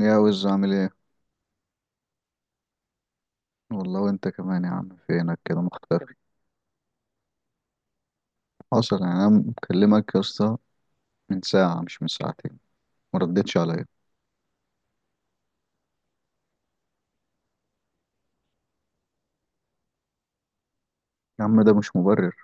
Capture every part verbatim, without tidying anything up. يا وز عامل ايه؟ والله وانت كمان يا عم، فينك كده مختفي؟ حصل يعني، انا مكلمك يا اسطى من ساعة مش من ساعتين. ما ردتش عليا. يا عم ده مش مبرر.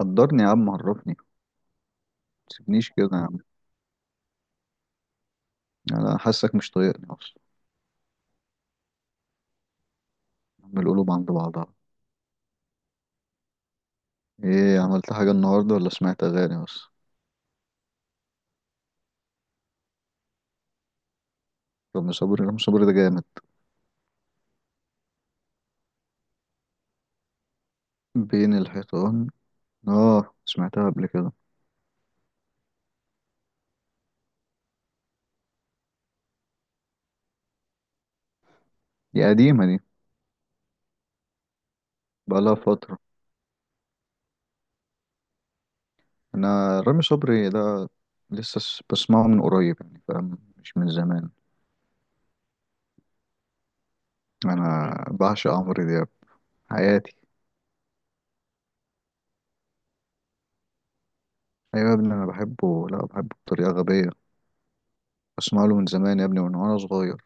قدرني يا عم، عرفني. ما تسيبنيش كده يا عم، انا حاسك مش طايقني اصلا. يا عم القلوب عند بعضها. ايه عملت حاجة النهاردة ولا سمعت اغاني بس؟ رامي صبري، رامي صبري ده جامد. بين الحيطان. اه سمعتها قبل كده. دي قديمة دي. بقالها فترة. انا رامي صبري ده لسه س- بسمعه من قريب، يعني فاهم، مش من زمان. انا بعشق عمرو دياب، حياتي. ايوه يا ابني انا بحبه، لا بحبه بطريقه غبيه. بسمع له من زمان يا ابني، من وانا صغير.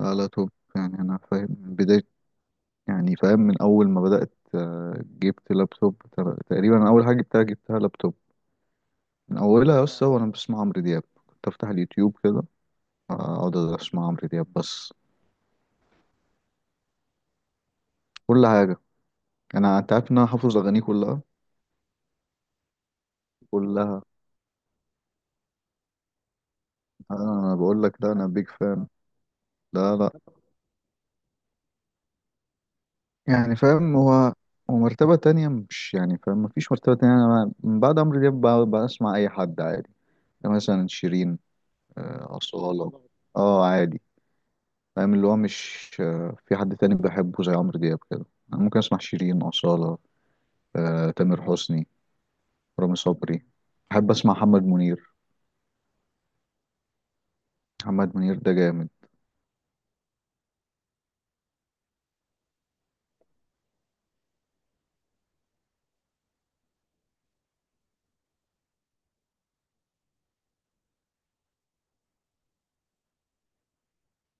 لا لا توب، يعني انا فاهم من بدايه، يعني فاهم من اول ما بدات، آه، جبت لابتوب. تر- تقريبا أنا اول حاجه جبتها، جبتها لابتوب من اولها. بس هو انا بسمع عمرو دياب، كنت افتح اليوتيوب كده، اقعد اسمع عمرو دياب بس. كل حاجه. انا انت عارف ان انا حافظ اغانيه كلها. كلها. انا أنا بقول لك، ده انا بيج فان. لا لا. يعني فاهم هو، ومرتبة تانية مش، يعني فاهم، مفيش مرتبة تانية. أنا من بعد عمرو دياب ب- بسمع أي حد عادي. يعني مثلا شيرين، آه، أصالة. اه عادي. فاهم اللي هو مش، آه، في حد تاني بحبه زي عمرو دياب كده. أنا ممكن أسمع شيرين، أصالة، آه، تامر حسني، رامي صبري. بحب أسمع محمد منير. محمد منير ده جامد.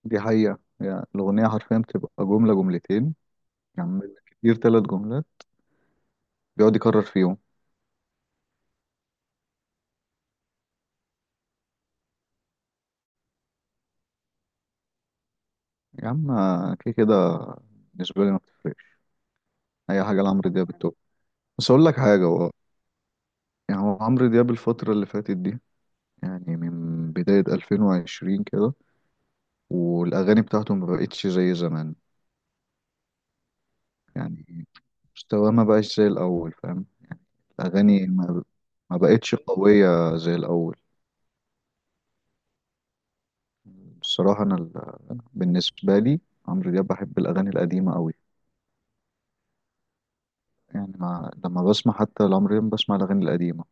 دي حقيقة، يعني الأغنية حرفيا بتبقى جملة جملتين، يعني كتير تلات جملات، بيقعد يكرر فيهم. يا عم آه، كده كده بالنسبة لي ما بتفرقش. اي حاجه لعمرو دياب التوب. بس اقول لك حاجه، هو يعني هو عمرو دياب الفتره اللي فاتت دي، يعني من بدايه ألفين وعشرين كده، والاغاني بتاعته ما بقتش زي زمان. يعني مستواه ما بقاش زي الاول، فاهم. الاغاني ما ما بقتش قويه زي الاول. الصراحه انا ال- بالنسبه لي، عمرو دياب بحب الاغاني القديمه قوي. يعني ما لما بسمع حتى لعمرو دياب بسمع الاغاني القديمه.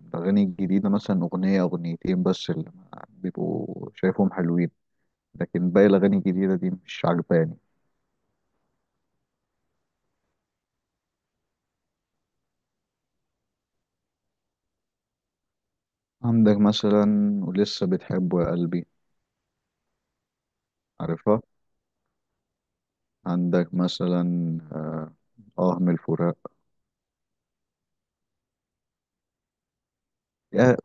الاغاني الجديده مثلا اغنيه اغنيتين بس اللي ما- بيبقوا شايفهم حلوين، لكن باقي الأغاني الجديدة دي مش عجباني. عندك مثلا، ولسه بتحبه يا قلبي، عارفها. عندك مثلا، آه آه من الفراق. يا-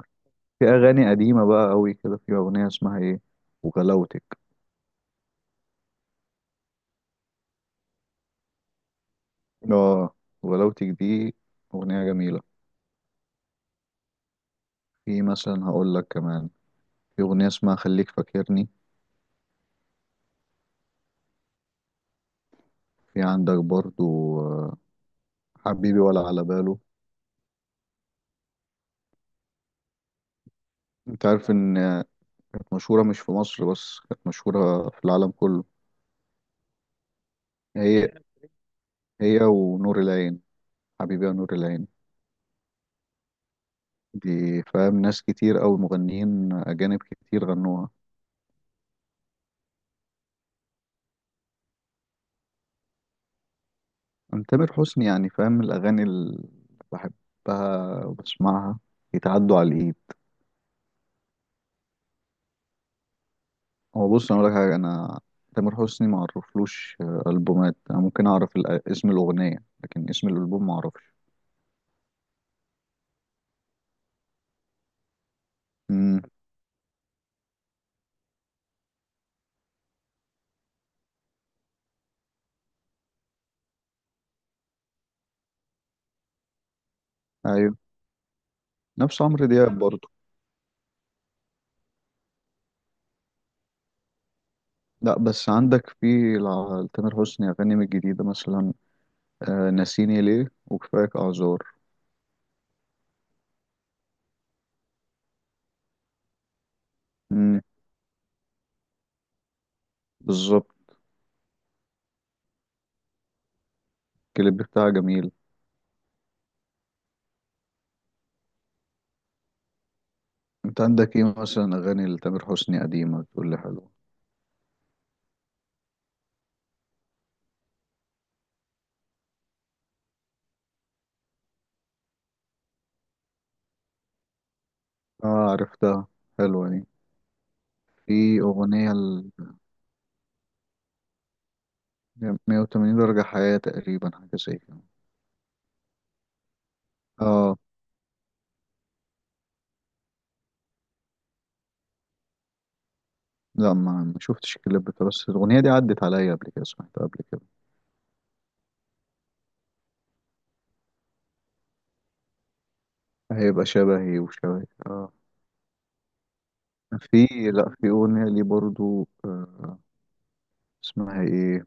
في أغاني قديمة بقى أوي كده، في أغنية اسمها إيه، وغلاوتك. آه، وغلاوتك دي أغنية جميلة. في مثلا هقول لك كمان، في أغنية اسمها خليك فاكرني. في عندك برضو آه حبيبي ولا على باله. أنت عارف إن، آه، مشهورة مش في مصر بس، كانت مشهورة في العالم كله. هي هي ونور العين، حبيبي يا نور العين. دي فاهم ناس كتير أوي، مغنيين أجانب كتير غنوها. أنا تامر حسني يعني فاهم، الأغاني اللي بحبها وبسمعها يتعدوا على الإيد. هو بص أنا أقول لك حاجة، أنا تامر حسني ما أعرفلوش ألبومات. أنا ممكن أعرف الأ- اسم الأغنية، لكن اسم الألبوم ما أعرفش. امم. أيوه. نفس عمرو دياب برضه. لا، بس عندك في، لع- تامر حسني أغاني من الجديدة مثلا، آه، ناسيني ليه وكفاك أعذار. امم. بالظبط. الكليب بتاعها جميل. انت عندك ايه مثلا اغاني لتامر حسني قديمه تقول لي حلوه؟ اه عرفتها، حلوه دي. في اغنيه ل مية وتمانين درجه، حياه تقريبا حاجه زي كده. اه. لا ما ما شفتش الكليب بتاع، بس الاغنيه دي عدت عليا قبل كده، سمعتها قبل كده. هيبقى شبهي وشبهي، اه. في، لا في اغنيه لي برضو، آه اسمها ايه،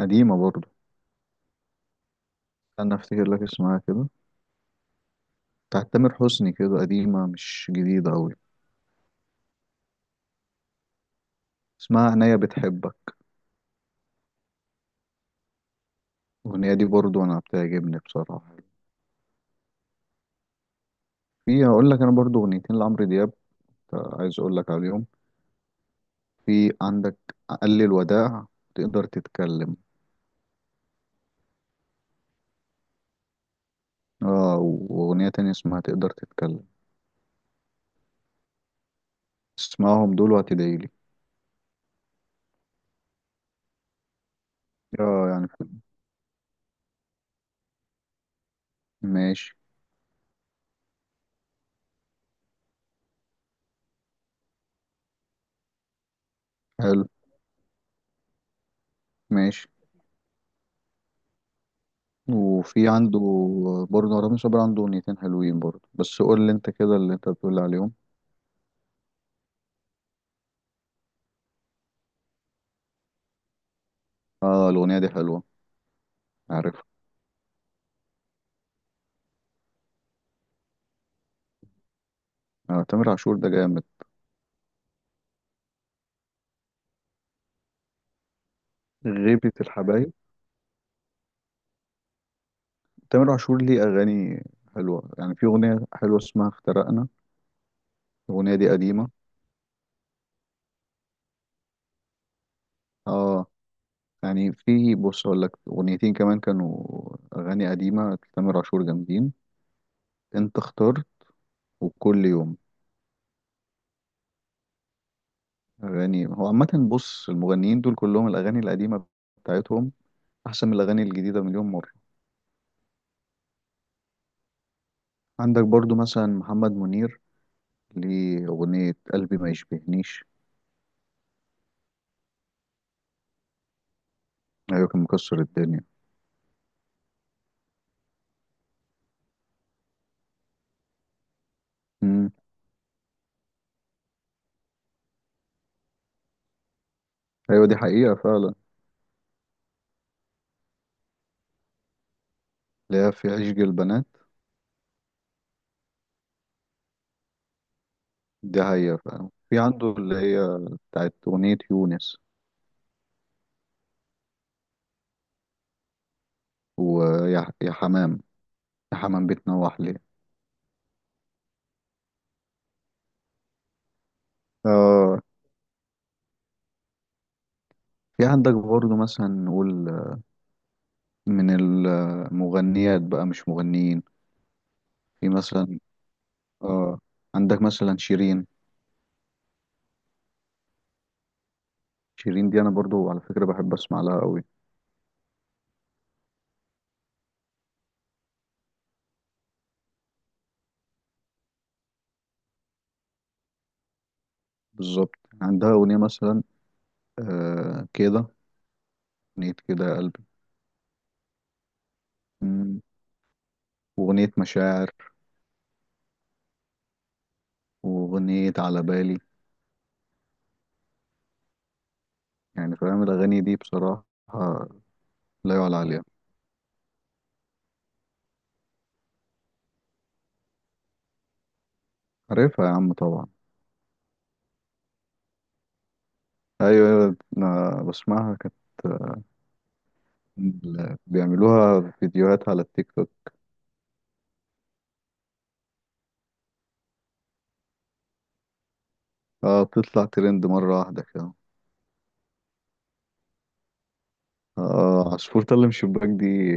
قديمه برضو. انا افتكر لك اسمها كده، بتاعت تامر حسني كده قديمه مش جديده قوي. اسمها عينيا بتحبك. الأغنية دي برضو أنا بتعجبني بصراحة. في هقول لك، انا برضو اغنيتين لعمرو دياب، آه، عايز اقول لك عليهم. في عندك قال الوداع، تقدر تتكلم. اه. واغنيه تانية اسمها تقدر تتكلم. اسمعهم دول وهتدعيلي. اه يعني في- ماشي. حلو. ماشي. وفي عنده برضه رامي صبري، عنده اغنيتين حلوين برضه، بس قول لي انت كده اللي انت بتقول عليهم. اه الاغنيه دي حلوه. عارفها. آه تامر عاشور ده جامد. غيبة الحبايب. تامر عاشور ليه اغاني حلوه، يعني في اغنيه حلوه اسمها افترقنا، الاغنيه دي قديمه. اه يعني في بص اقول لك، اغنيتين كمان كانوا اغاني قديمه لتامر عاشور جامدين. انت اختار. وكل يوم. اغاني هو عامه بص، المغنيين دول كلهم الاغاني القديمه بتاعتهم احسن من الاغاني الجديده مليون مره. عندك برضو مثلا محمد منير، ليه اغنيه قلبي ما يشبهنيش. ايوه كان مكسر الدنيا. امم. ايوه دي حقيقه فعلا. اللي هي في عشق البنات. دي حقيقه فعلا، في عنده اللي هي بتاعت اغنيه يونس. ويا يا حمام، حمام بتنوح ليه. اه. في عندك برضه مثلا نقول من المغنيات بقى، مش مغنيين. في مثلا، اه، عندك مثلا شيرين. شيرين دي انا برضو على فكرة بحب اسمع لها قوي. بالظبط. عندها اغنية مثلا، آه كده، اغنية كده يا قلبي. مم، واغنية مشاعر، واغنية على بالي. يعني فاهم الاغاني دي بصراحة لا يعلى عليها. عارفها يا عم طبعا. ايوه ايوه أنا بسمعها، كانت ال- بيعملوها فيديوهات على التيك توك. اه بتطلع ترند مرة واحدة كده. اه عصفور طلم شباك دي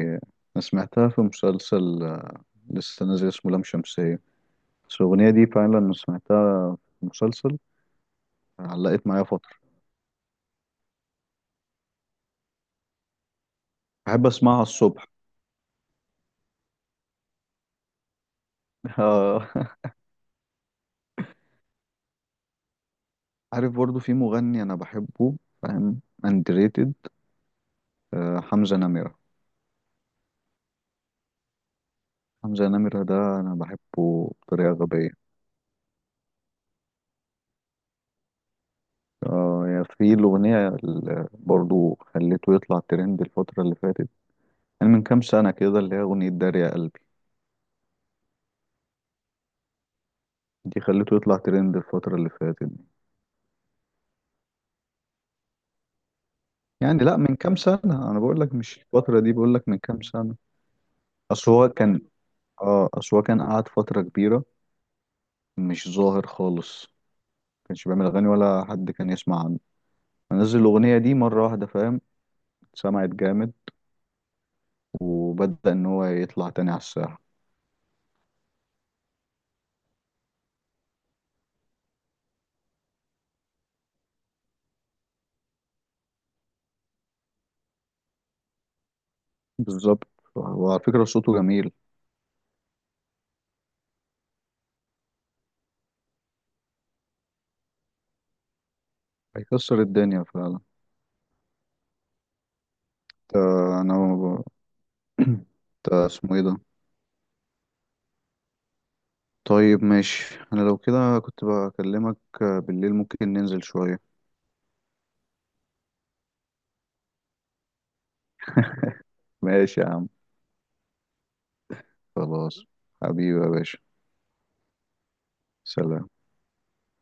أنا سمعتها في مسلسل لسه نازل اسمه لام شمسية، بس الأغنية دي فعلا أنا سمعتها في مسلسل، علقت معايا فترة. بحب أسمعها الصبح. آه. عارف برضو في مغني أنا بحبه، فاهم، underrated. آه حمزة نمرة. حمزة نمرة ده أنا بحبه بطريقة غبية. آه يعني في الأغنية اللي برضو خليته يطلع ترند الفترة اللي فاتت، يعني من كام سنة كده، اللي هي أغنية دار يا قلبي. دي خليته يطلع ترند الفترة اللي فاتت دي. يعني لأ من كام سنة أنا بقول لك، مش الفترة دي، بقول لك من كام سنة. أصل هو كان، آه أصل هو كان قعد فترة كبيرة مش ظاهر خالص، ما كانش بيعمل أغاني ولا حد كان يسمع عنه، فنزل الأغنية دي مرة واحدة فاهم، سمعت جامد، وبدأ إن هو يطلع تاني على الساحة. بالظبط. وعلى فكرة صوته جميل. هيكسر الدنيا فعلا. آه، أنا ب- إنت اسمه إيه ده؟ طيب ماشي، انا لو كده كنت بكلمك بالليل، ممكن ننزل شوية. ماشي يا عم. خلاص. حبيبي يا باشا. سلام.